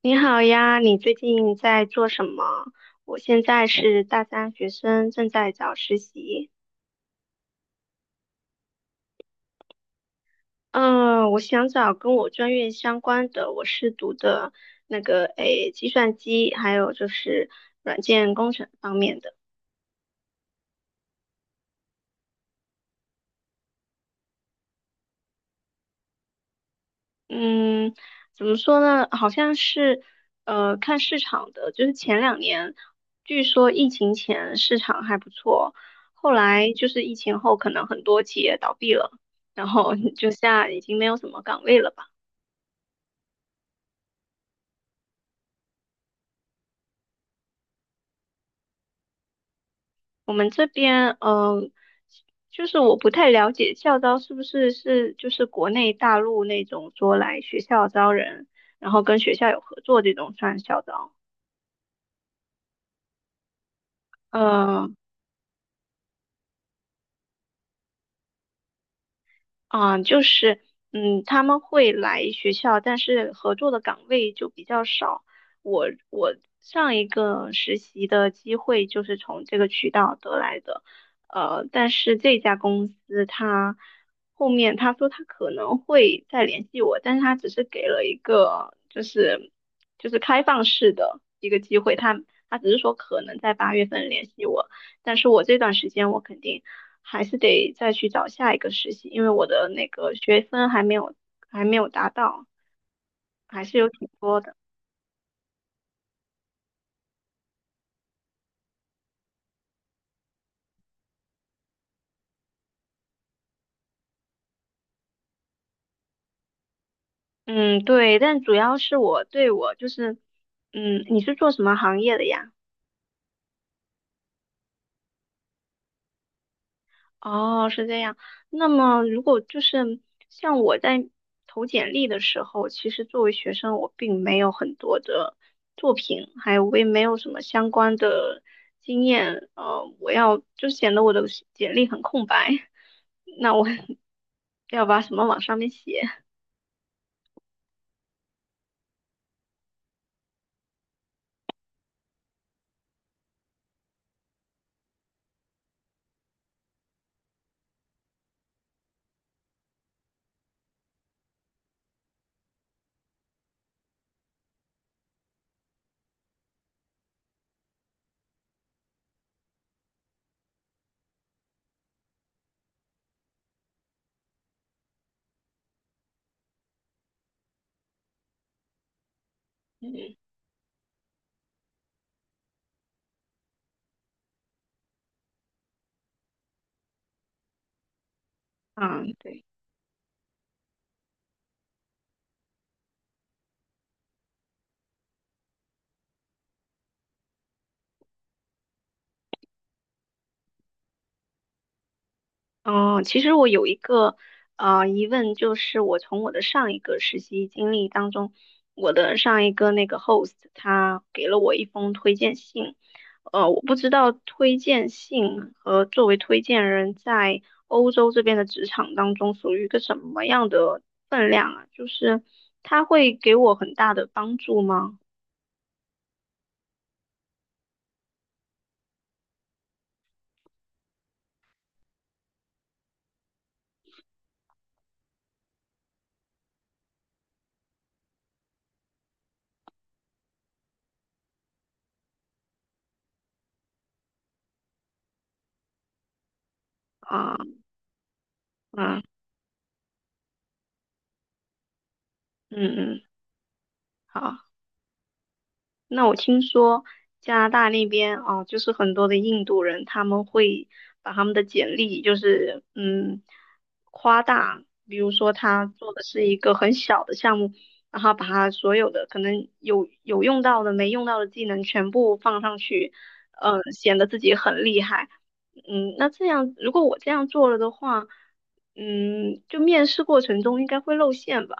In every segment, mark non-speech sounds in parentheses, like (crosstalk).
你好呀，你最近在做什么？我现在是大三学生，正在找实习。嗯，我想找跟我专业相关的，我是读的计算机，还有就是软件工程方面的。嗯，怎么说呢？好像是，看市场的，就是前两年，据说疫情前市场还不错，后来就是疫情后，可能很多企业倒闭了，然后 (laughs) 就现在已经没有什么岗位了吧。我们这边，就是我不太了解校招是不是就是国内大陆那种说来学校招人，然后跟学校有合作这种算校招。嗯。啊，就是，他们会来学校，但是合作的岗位就比较少。我上一个实习的机会就是从这个渠道得来的，但是这家公司他后面他说他可能会再联系我，但是他只是给了一个开放式的一个机会，他只是说可能在八月份联系我，但是我这段时间我肯定。还是得再去找下一个实习，因为我的那个学分还没有达到，还是有挺多的。嗯，对，但主要是我对我就是，嗯，你是做什么行业的呀？哦，是这样。那么，如果就是像我在投简历的时候，其实作为学生，我并没有很多的作品，还有我也没有什么相关的经验，我要就显得我的简历很空白。(laughs) 那我 (laughs) 要把什么往上面写？嗯，嗯，对。嗯，其实我有一个疑问，就是我从我的上一个实习经历当中，我的上一个那个 host 他给了我一封推荐信，我不知道推荐信和作为推荐人在欧洲这边的职场当中属于一个什么样的分量啊？就是他会给我很大的帮助吗？啊、嗯嗯嗯，好。那我听说加拿大那边啊，就是很多的印度人，他们会把他们的简历夸大，比如说他做的是一个很小的项目，然后把他所有的可能有用到的、没用到的技能全部放上去，嗯、显得自己很厉害。嗯，那这样如果我这样做了的话，嗯，就面试过程中应该会露馅吧？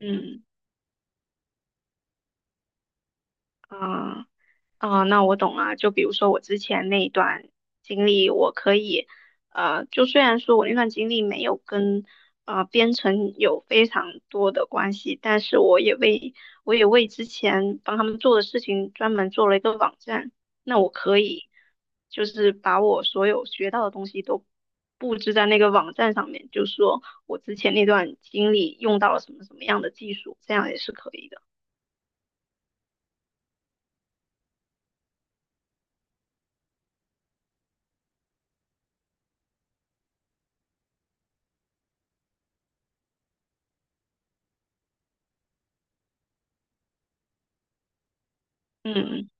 嗯。啊啊，那我懂了。就比如说我之前那一段经历，我可以，就虽然说我那段经历没有跟编程有非常多的关系，但是我也为之前帮他们做的事情专门做了一个网站。那我可以就是把我所有学到的东西都布置在那个网站上面，就说我之前那段经历用到了什么什么样的技术，这样也是可以的。嗯嗯。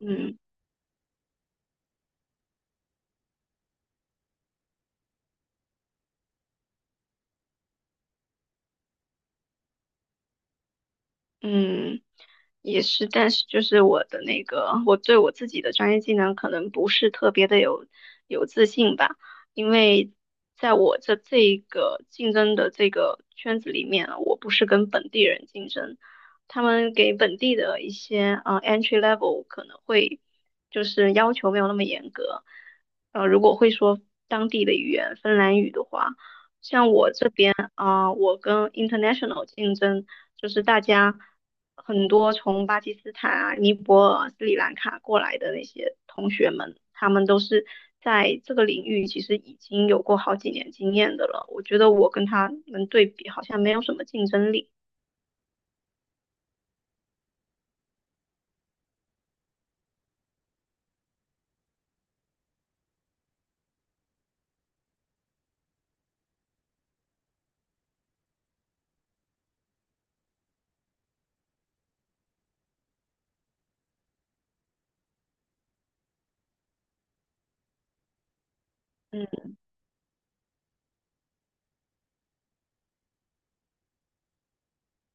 嗯嗯，也是，但是就是我的那个，我对我自己的专业技能可能不是特别的有自信吧，因为在我这一个竞争的这个圈子里面啊，我不是跟本地人竞争，他们给本地的一些entry level 可能会就是要求没有那么严格，呃，如果会说当地的语言芬兰语的话。我跟 international 竞争，就是大家很多从巴基斯坦啊、尼泊尔、斯里兰卡过来的那些同学们，他们都是在这个领域其实已经有过好几年经验的了。我觉得我跟他们对比，好像没有什么竞争力。嗯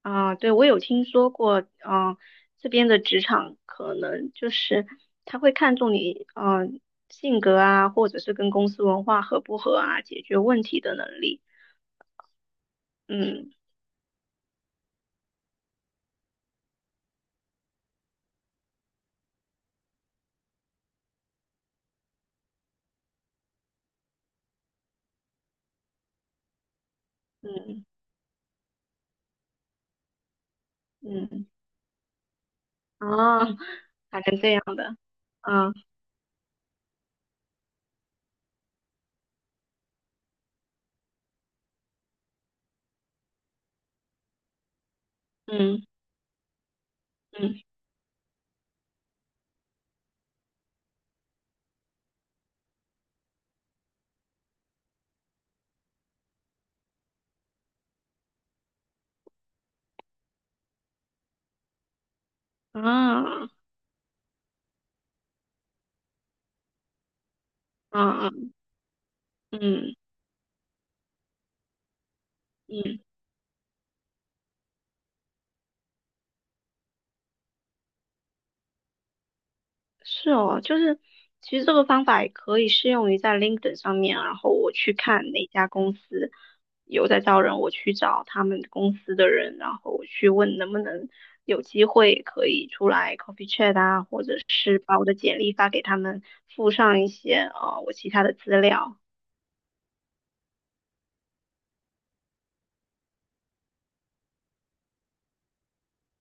啊，对，我有听说过，嗯、这边的职场可能就是他会看重你，嗯、性格啊，或者是跟公司文化合不合啊，解决问题的能力。嗯，嗯嗯啊，还是这样的啊，嗯嗯啊啊啊嗯嗯，是哦，就是其实这个方法也可以适用于在 LinkedIn 上面，然后我去看哪家公司有在招人，我去找他们公司的人，然后我去问能不能有机会可以出来 coffee chat 啊，或者是把我的简历发给他们，附上一些我其他的资料，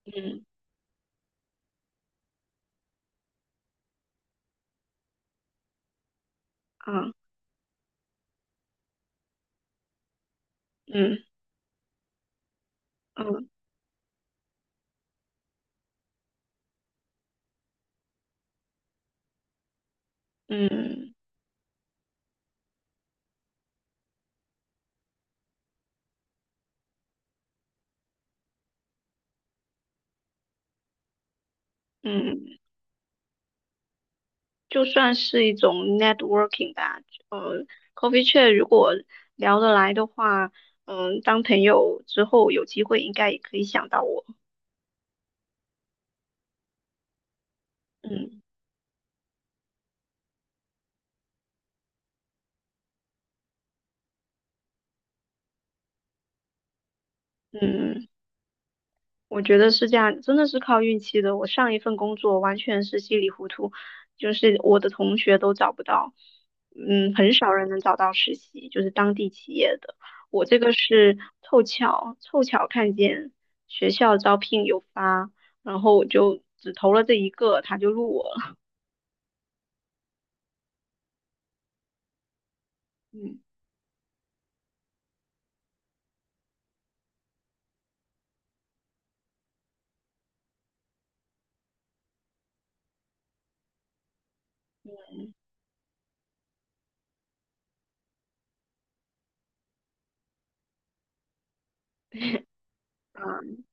嗯嗯嗯嗯。嗯嗯，就算是一种 networking 吧。呃，coffee chat 如果聊得来的话，嗯，当朋友之后有机会应该也可以想到我。嗯嗯。我觉得是这样，真的是靠运气的。我上一份工作完全是稀里糊涂，就是我的同学都找不到，嗯，很少人能找到实习，就是当地企业的。我这个是凑巧，凑巧看见学校招聘有发，然后我就只投了这一个，他就录我了。嗯嗯。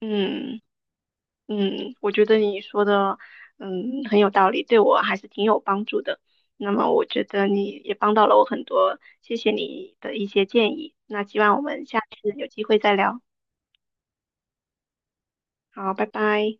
嗯。嗯，我觉得你说的，嗯，很有道理，对我还是挺有帮助的。那么我觉得你也帮到了我很多，谢谢你的一些建议。那希望我们下次有机会再聊。好，拜拜。